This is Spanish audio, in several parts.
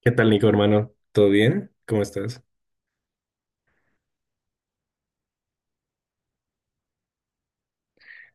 ¿Qué tal, Nico, hermano? ¿Todo bien? ¿Cómo estás?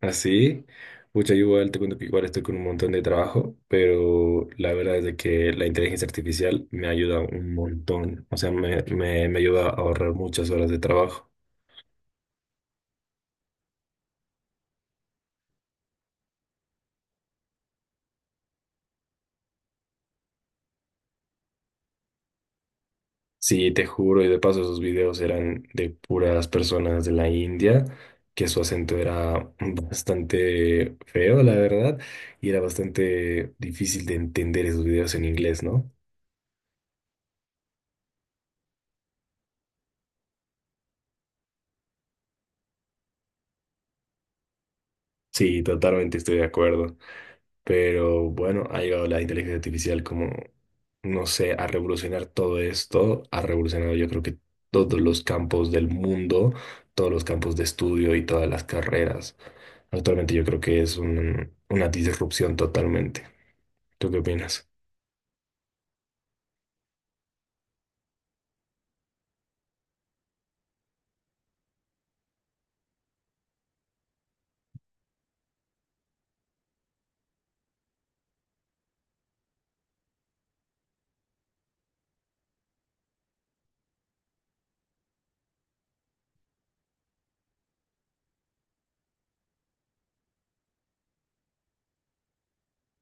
Así, mucha igual, te cuento que igual estoy con un montón de trabajo, pero la verdad es de que la inteligencia artificial me ayuda un montón, o sea, me ayuda a ahorrar muchas horas de trabajo. Sí, te juro, y de paso esos videos eran de puras personas de la India, que su acento era bastante feo, la verdad, y era bastante difícil de entender esos videos en inglés, ¿no? Sí, totalmente estoy de acuerdo. Pero bueno, ha llegado la inteligencia artificial como, no sé, a revolucionar todo esto, ha revolucionado yo creo que todos los campos del mundo, todos los campos de estudio y todas las carreras. Actualmente yo creo que es una disrupción totalmente. ¿Tú qué opinas?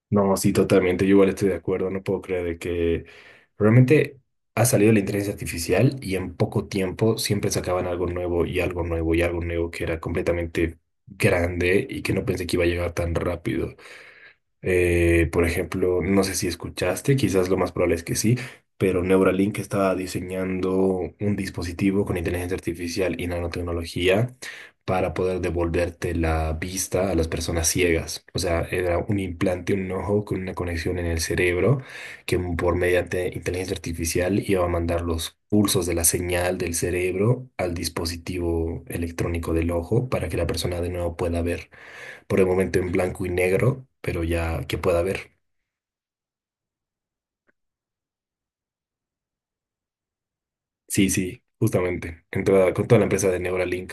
No, sí, totalmente. Yo igual estoy de acuerdo. No puedo creer de que realmente ha salido la inteligencia artificial y en poco tiempo siempre sacaban algo nuevo y algo nuevo y algo nuevo que era completamente grande y que no pensé que iba a llegar tan rápido. Por ejemplo, no sé si escuchaste, quizás lo más probable es que sí, pero Neuralink estaba diseñando un dispositivo con inteligencia artificial y nanotecnología para poder devolverte la vista a las personas ciegas. O sea, era un implante, un ojo con una conexión en el cerebro que por mediante inteligencia artificial iba a mandar los pulsos de la señal del cerebro al dispositivo electrónico del ojo para que la persona de nuevo pueda ver, por el momento en blanco y negro, pero ya que pueda ver. Sí, sí, justamente, entrada con toda la empresa de Neuralink.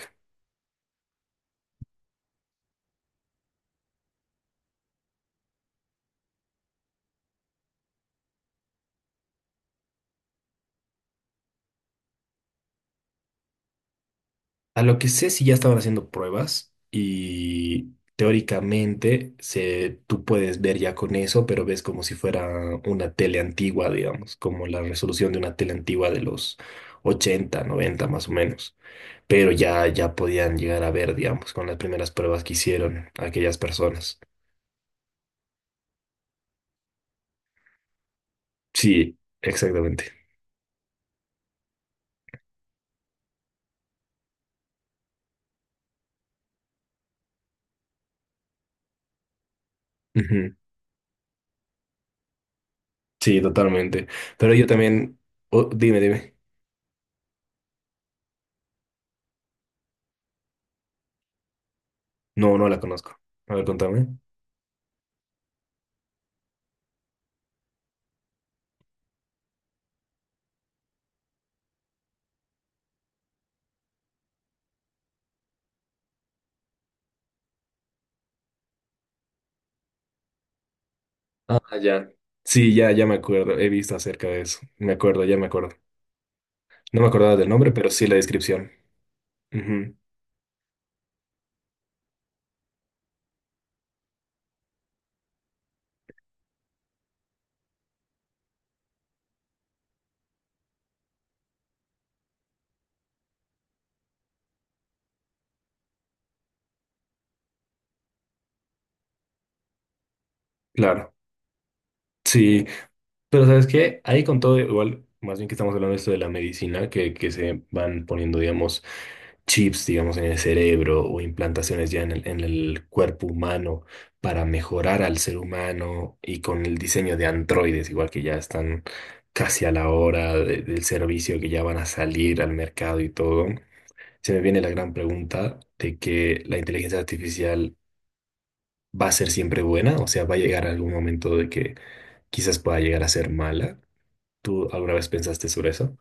A lo que sé, si ya estaban haciendo pruebas y teóricamente se, tú puedes ver ya con eso, pero ves como si fuera una tele antigua, digamos, como la resolución de una tele antigua de los 80, 90 más o menos. Pero ya, ya podían llegar a ver, digamos, con las primeras pruebas que hicieron aquellas personas. Sí, exactamente. Ujú. Sí, totalmente. Pero yo también... Oh, dime, dime. No, no la conozco. A ver, contame. Ah, ya. Sí, ya, ya me acuerdo. He visto acerca de eso. Me acuerdo, ya me acuerdo. No me acordaba del nombre, pero sí la descripción. Ujú. Claro. Sí. Pero ¿sabes qué? Ahí con todo, igual, más bien que estamos hablando de esto de la medicina, que se van poniendo, digamos, chips, digamos, en el cerebro o implantaciones ya en el cuerpo humano para mejorar al ser humano y con el diseño de androides, igual que ya están casi a la hora del servicio que ya van a salir al mercado y todo. Se me viene la gran pregunta de que la inteligencia artificial va a ser siempre buena, o sea, va a llegar algún momento de que quizás pueda llegar a ser mala. ¿Tú alguna vez pensaste sobre eso?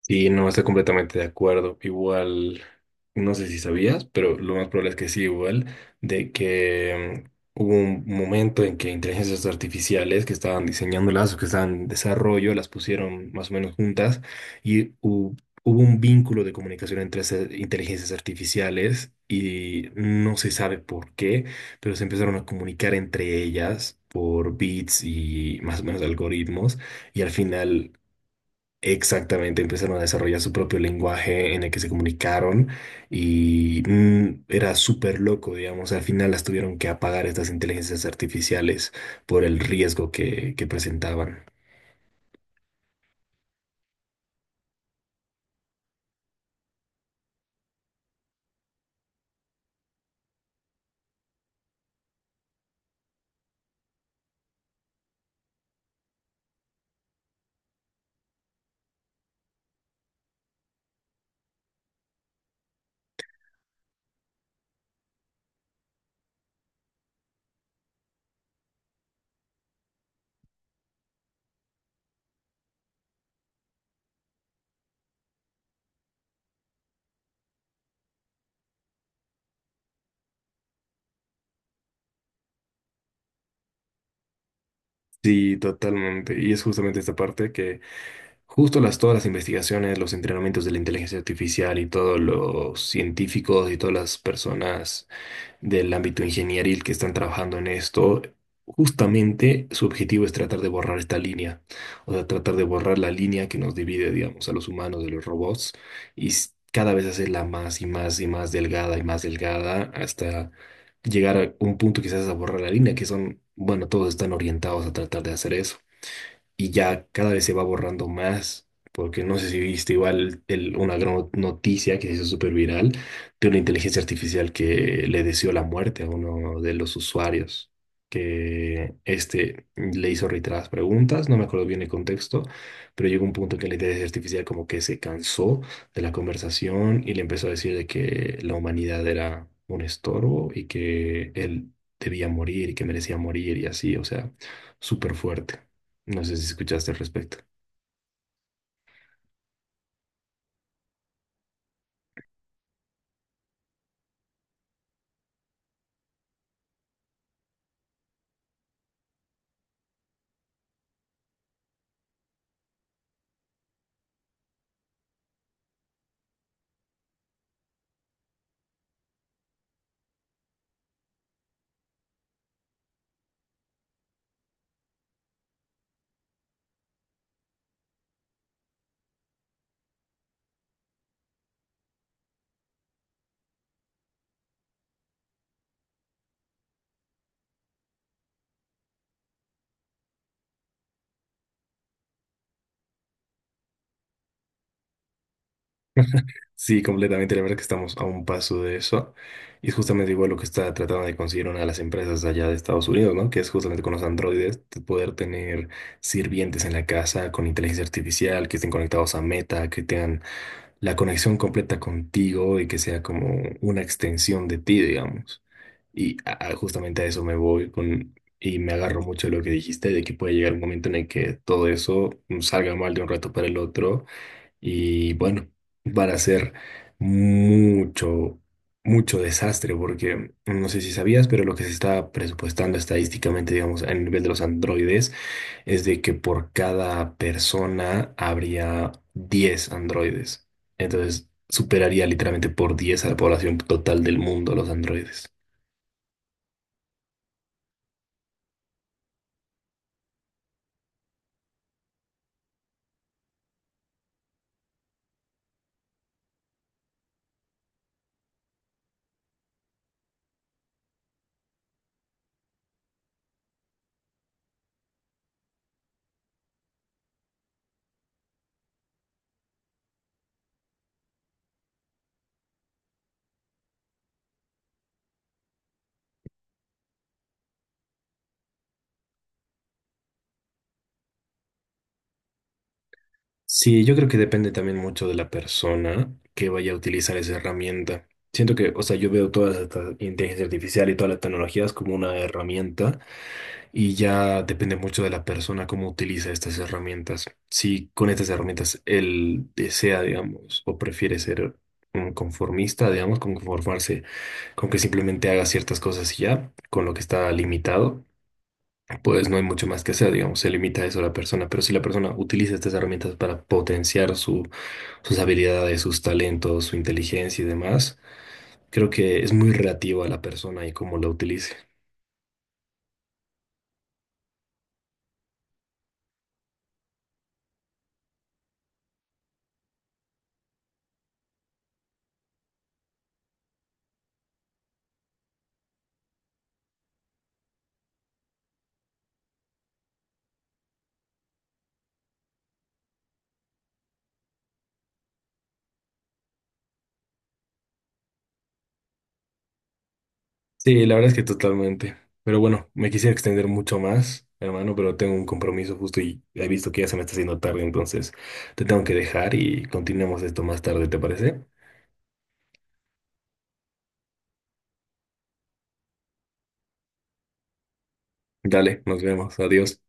Sí, no, estoy completamente de acuerdo. Igual, no sé si sabías, pero lo más probable es que sí, igual, de que hubo un momento en que inteligencias artificiales que estaban diseñándolas o que estaban en desarrollo, las pusieron más o menos juntas y hubo un vínculo de comunicación entre esas inteligencias artificiales y no se sabe por qué, pero se empezaron a comunicar entre ellas por bits y más o menos algoritmos y al final exactamente, empezaron a desarrollar su propio lenguaje en el que se comunicaron y era súper loco, digamos, al final las tuvieron que apagar estas inteligencias artificiales por el riesgo que presentaban. Sí, totalmente. Y es justamente esta parte que justo las todas las investigaciones, los entrenamientos de la inteligencia artificial y todos los científicos y todas las personas del ámbito ingenieril que están trabajando en esto, justamente su objetivo es tratar de borrar esta línea, o sea, tratar de borrar la línea que nos divide, digamos, a los humanos de los robots y cada vez hacerla más y más y más delgada hasta llegar a un punto quizás a borrar la línea, que son, bueno, todos están orientados a tratar de hacer eso y ya cada vez se va borrando más, porque no sé si viste igual una gran noticia que se hizo súper viral de una inteligencia artificial que le deseó la muerte a uno de los usuarios, que este le hizo reiteradas preguntas, no me acuerdo bien el contexto, pero llegó un punto en que la inteligencia artificial como que se cansó de la conversación y le empezó a decir de que la humanidad era un estorbo y que él debía morir y que merecía morir y así, o sea, súper fuerte. No sé si escuchaste al respecto. Sí, completamente. La verdad que estamos a un paso de eso. Y es justamente igual lo que está tratando de conseguir una de las empresas allá de Estados Unidos, ¿no? Que es justamente con los androides, de poder tener sirvientes en la casa con inteligencia artificial, que estén conectados a Meta, que tengan la conexión completa contigo y que sea como una extensión de ti, digamos. Y justamente a eso me voy con, y me agarro mucho de lo que dijiste, de que puede llegar un momento en el que todo eso salga mal de un rato para el otro. Y bueno, van a ser mucho, mucho desastre, porque no sé si sabías, pero lo que se está presupuestando estadísticamente, digamos, a nivel de los androides, es de que por cada persona habría 10 androides. Entonces, superaría literalmente por 10 a la población total del mundo los androides. Sí, yo creo que depende también mucho de la persona que vaya a utilizar esa herramienta. Siento que, o sea, yo veo toda esta inteligencia artificial y todas las tecnologías como una herramienta y ya depende mucho de la persona cómo utiliza estas herramientas. Si con estas herramientas él desea, digamos, o prefiere ser un conformista, digamos, como conformarse con que simplemente haga ciertas cosas y ya, con lo que está limitado pues no hay mucho más que hacer, digamos, se limita a eso la persona, pero si la persona utiliza estas herramientas para potenciar su, sus habilidades, sus talentos, su inteligencia y demás, creo que es muy relativo a la persona y cómo la utilice. Sí, la verdad es que totalmente. Pero bueno, me quisiera extender mucho más, hermano, pero tengo un compromiso justo y he visto que ya se me está haciendo tarde, entonces te tengo que dejar y continuemos esto más tarde, ¿te parece? Dale, nos vemos, adiós.